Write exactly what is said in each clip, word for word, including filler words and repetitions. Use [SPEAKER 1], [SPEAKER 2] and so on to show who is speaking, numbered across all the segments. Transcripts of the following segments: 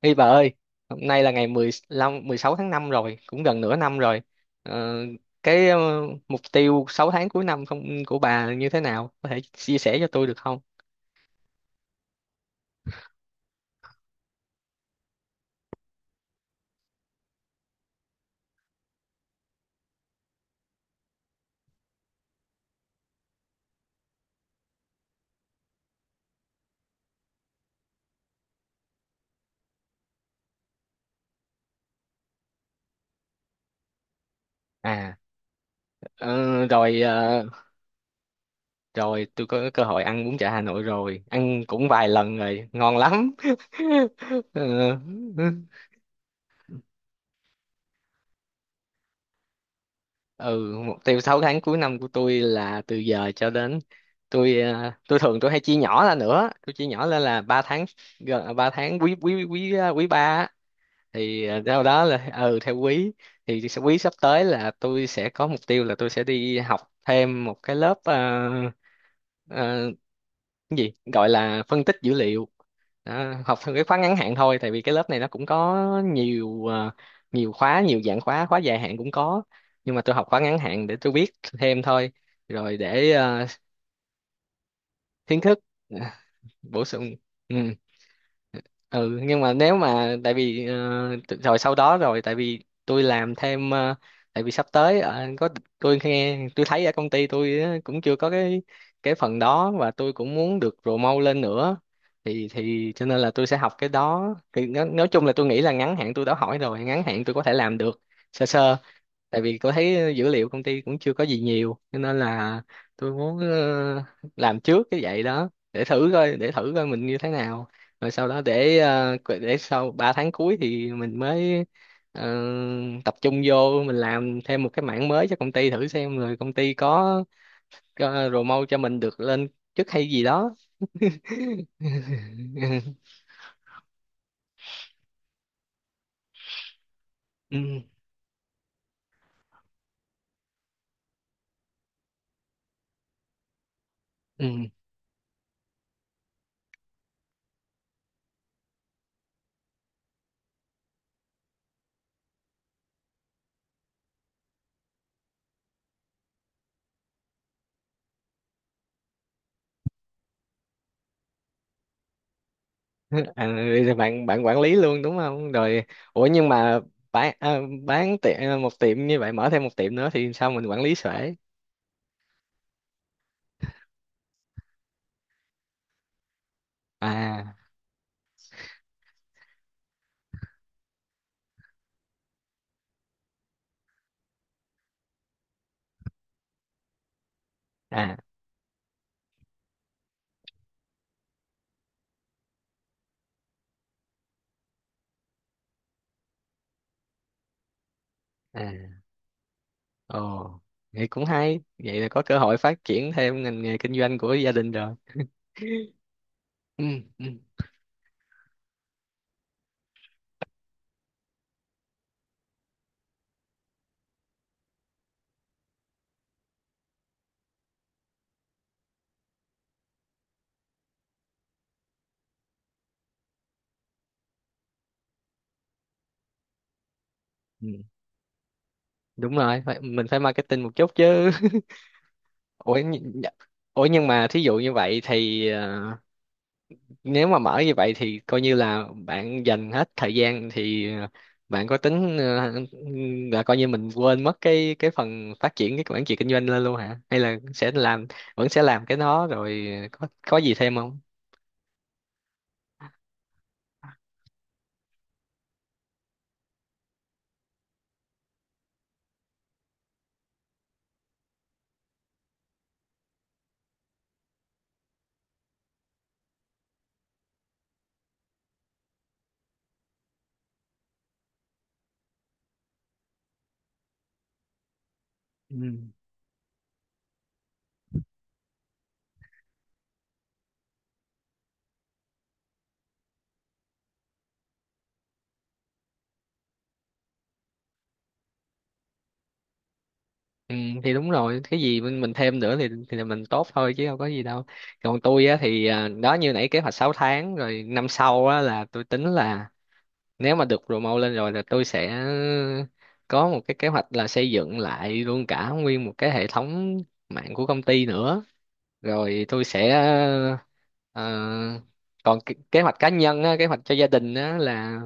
[SPEAKER 1] Ê bà ơi, hôm nay là ngày mười lăm, mười sáu tháng năm rồi, cũng gần nửa năm rồi. Ờ, cái ờ, mục tiêu sáu tháng cuối năm không của bà như thế nào? Có thể chia sẻ cho tôi được không? À, ờ, rồi ờ, Rồi tôi có cơ hội ăn bún chả Hà Nội rồi, ăn cũng vài lần rồi, ngon lắm. Ờ, ừ, mục tiêu sáu tháng cuối năm của tôi là từ giờ cho đến, tôi ờ, tôi thường tôi hay chia nhỏ ra, nữa tôi chia nhỏ lên là ba tháng, gần ờ, ba tháng quý quý quý quý ba á. Thì ờ, sau đó là ừ theo quý, thì sẽ- quý sắp tới là tôi sẽ có mục tiêu là tôi sẽ đi học thêm một cái lớp, uh, cái gì gọi là phân tích dữ liệu đó, học theo cái khóa ngắn hạn thôi, tại vì cái lớp này nó cũng có nhiều ờ, nhiều khóa, nhiều dạng khóa, khóa dài hạn cũng có, nhưng mà tôi học khóa ngắn hạn để tôi biết thêm thôi, rồi để ờ, kiến thức ờ, bổ sung. Ừ. Ừ nhưng mà nếu mà tại vì ờ, t- rồi sau đó, rồi tại vì tôi làm thêm, ờ, tại vì sắp tới ờ, có, tôi nghe tôi thấy ở công ty tôi á, cũng chưa có cái cái phần đó, và tôi cũng muốn được promote lên nữa, thì thì cho nên là tôi sẽ học cái đó thì nó, nói chung là tôi nghĩ là ngắn hạn, tôi đã hỏi rồi, ngắn hạn tôi có thể làm được sơ sơ. Tại vì tôi thấy dữ liệu công ty cũng chưa có gì nhiều, cho nên là tôi muốn ờ, làm trước cái vậy đó để thử coi, để thử coi mình như thế nào, rồi sau đó để ờ, qu- để sau ba tháng cuối thì mình mới ờ, tập trung vô mình làm thêm một cái mảng mới cho công ty thử xem, rồi công ty có uh, promote cho mình được lên chức hay gì đó. Ừ, ừ. À, bây bạn bạn quản lý luôn đúng không rồi, ủa nhưng mà bán à, bán tiệm ờ, một tiệm như vậy mở thêm một tiệm nữa thì sao mình quản lý xuể? À. À. À. Ồ, vậy cũng hay, vậy là có cơ hội phát triển thêm ngành nghề kinh doanh của gia đình rồi. Ừ. Ừ. Ừ. Đúng rồi, phải, mình phải marketing một chút chứ. ủa, nh- nh- Ủa nhưng mà thí dụ như vậy thì ờ, nếu mà mở như vậy thì coi như là bạn dành hết thời gian thì ờ, bạn có tính ờ, là coi như mình quên mất cái cái phần phát triển cái quản trị kinh doanh lên luôn hả, hay là sẽ làm, vẫn sẽ làm cái đó rồi có có gì thêm không? Ừ. Ừ thì đúng rồi, cái gì mình, mình thêm nữa thì thì là mình tốt thôi chứ đâu có gì đâu. Còn tôi á thì à, đó như nãy kế hoạch sáu tháng rồi, năm sau á là tôi tính là nếu mà được promote lên rồi là tôi sẽ có một cái kế hoạch là xây dựng lại luôn cả nguyên một cái hệ thống mạng của công ty nữa, rồi tôi sẽ ờ, còn kế kế hoạch cá nhân á, kế hoạch cho gia đình á là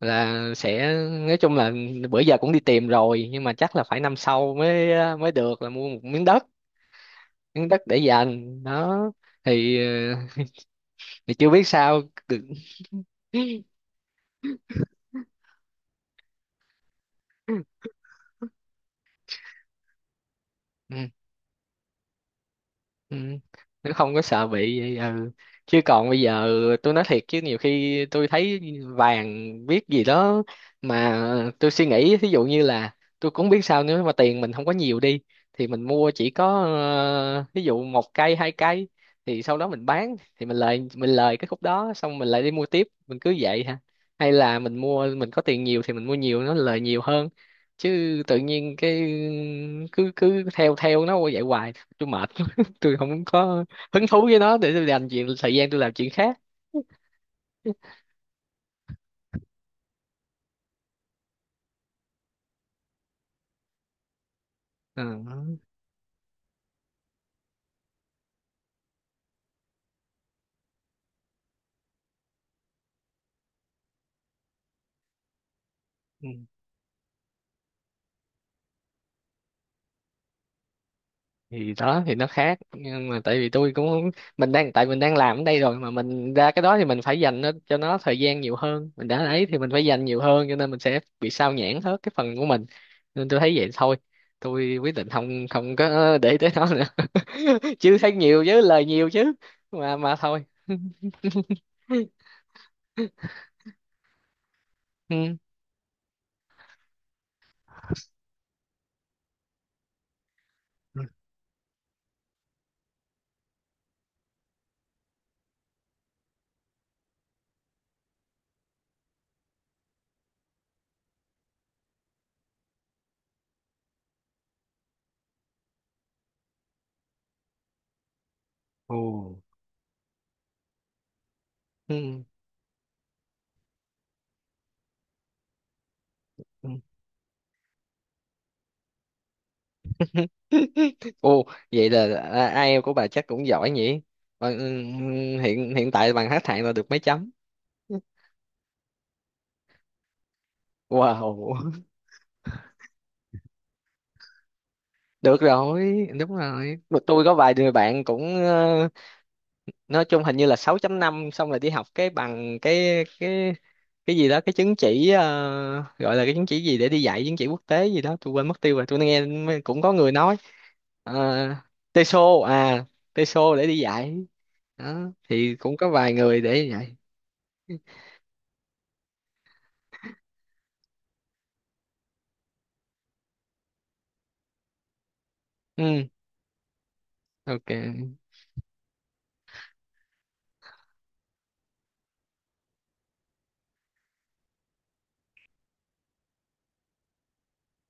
[SPEAKER 1] là sẽ, nói chung là bữa giờ cũng đi tìm rồi nhưng mà chắc là phải năm sau mới, mới được là mua một miếng đất, miếng đất để dành đó. Thì, ờ, thì chưa biết sao được. Ừ. Ừ. Nó không có sợ bị vậy, ừ. Chứ còn bây giờ tôi nói thiệt chứ nhiều khi tôi thấy vàng biết gì đó, mà tôi suy nghĩ ví dụ như là tôi cũng biết sao, nếu mà tiền mình không có nhiều đi thì mình mua chỉ có ờ, ví dụ một cây hai cây, thì sau đó mình bán thì mình lời, mình lời cái khúc đó xong mình lại đi mua tiếp, mình cứ vậy hả, hay là mình mua, mình có tiền nhiều thì mình mua nhiều nó lời nhiều hơn, chứ tự nhiên cái cứ cứ theo theo nó vậy hoài, tôi mệt, tôi không có hứng thú với nó, để tôi dành chuyện thời gian tôi làm chuyện khác. Ờ, ừ. Thì đó thì nó khác, nhưng mà tại vì tôi cũng không- mình đang, tại mình đang làm ở đây rồi mà mình ra cái đó thì mình phải dành nó cho nó thời gian nhiều hơn mình đã ấy, thì mình phải dành nhiều hơn cho nên mình sẽ bị sao nhãng hết cái phần của mình, nên tôi thấy vậy thôi, tôi quyết định không, không có để tới nó nữa. Chứ thấy nhiều chứ, lời nhiều chứ, mà mà thôi. Ừ. Ồ. Ừ. Ừ. Ồ, vậy là à, ai eo của bà chắc cũng giỏi nhỉ? Ờ, ừm, Hiện hiện tại bằng hát hạng là được mấy chấm? Wow, được rồi, đúng rồi. Mà tôi có vài người bạn cũng ờ, nói chung hình như là sáu chấm năm, xong rồi đi học cái bằng cái cái cái gì đó, cái chứng chỉ ờ, gọi là cái chứng chỉ gì để đi dạy, chứng chỉ quốc tế gì đó tôi quên mất tiêu rồi, tôi nghe cũng có người nói uh, TESOL à, TESOL để đi dạy đó, thì cũng có vài người để dạy. Ừ. Ok.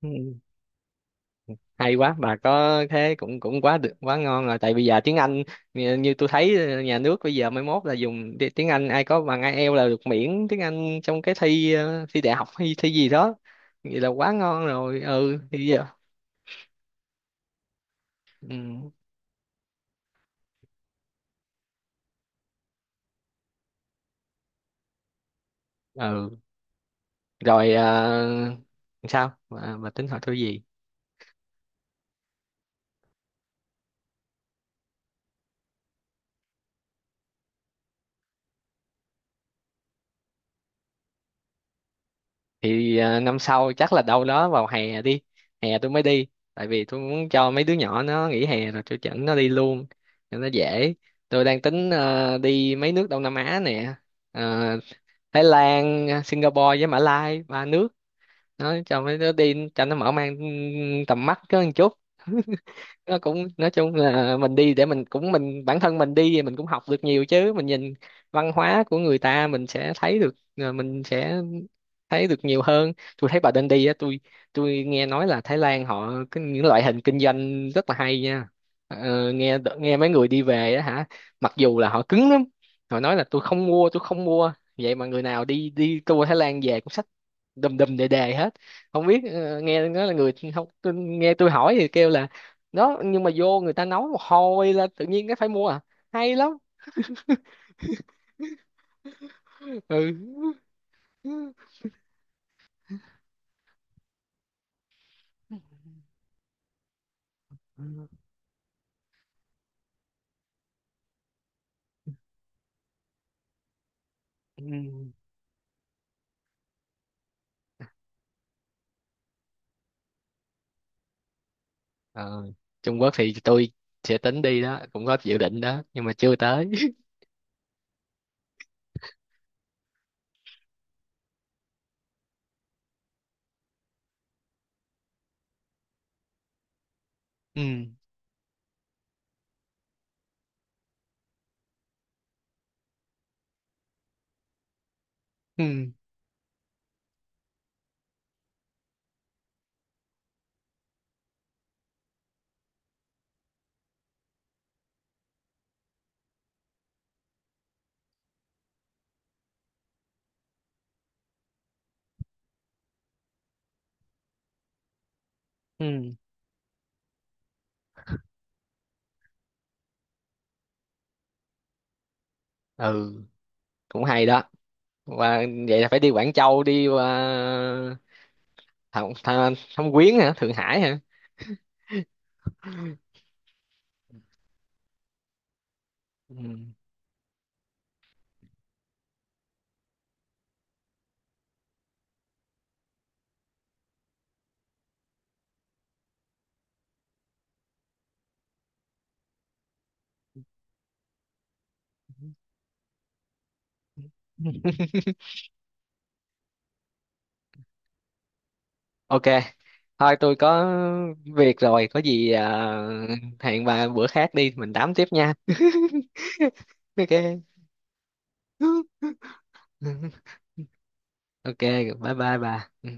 [SPEAKER 1] Ừ, hay quá, bà có thế cũng, cũng quá được, quá ngon rồi, tại bây giờ tiếng Anh, như, như tôi thấy ờ, nhà nước bây giờ mai mốt là dùng ti- tiếng Anh ai có bằng ai eo là được miễn tiếng Anh trong cái thi, ờ, thi đại học hay thi gì đó, vậy là quá ngon rồi. Ừ thì giờ. Ừ, ừ. Rồi ờ, sao bà, bà tính hỏi tôi gì? Thì à, năm sau chắc là đâu đó vào hè đi, hè tôi mới đi, tại vì tôi muốn cho mấy đứa nhỏ nó nghỉ hè rồi tôi dẫn nó đi luôn cho nó dễ. Tôi đang tính ờ, đi mấy nước Đông Nam Á nè. Ờ, Thái Lan, Singapore với Mã Lai, ba nước, nó cho mấy đứa đi cho nó mở mang tầm mắt có một chút. Nó cũng, nói chung là mình đi để mình cũng, mình bản thân mình đi thì mình cũng học được nhiều chứ, mình nhìn văn hóa của người ta mình sẽ thấy được ờ, mình sẽ thấy được nhiều hơn. Tôi thấy bà Đen đi á, tôi tôi nghe nói là Thái Lan họ cái những loại hình kinh doanh rất là hay nha, ờ, nghe, nghe mấy người đi về á hả, mặc dù là họ cứng lắm, họ nói là tôi không mua, tôi không mua, vậy mà người nào đi, đi tour Thái Lan về cũng xách đùm đùm đề đề hết. Không biết ờ, nghe nói là người không, tôi, nghe tôi hỏi thì kêu là đó, nhưng mà vô người ta nấu một hồi là tự nhiên cái phải mua à, hay lắm. Ừ. Ừ. Ờ, Trung Quốc thì tôi sẽ tính đi đó, cũng có dự định đó nhưng mà chưa tới. Ừ. Ừ. Ừ. Ừ cũng hay đó. Và vậy là phải đi Quảng Châu, đi qua Thâm, Thâm, Thâm Quyến hả, Thượng Hải hả? Ừ. Ok, thôi tôi có việc rồi, có gì à, hẹn bà bữa khác đi, mình tám tiếp nha. Ok. Ok, bye bye bà. Ừ.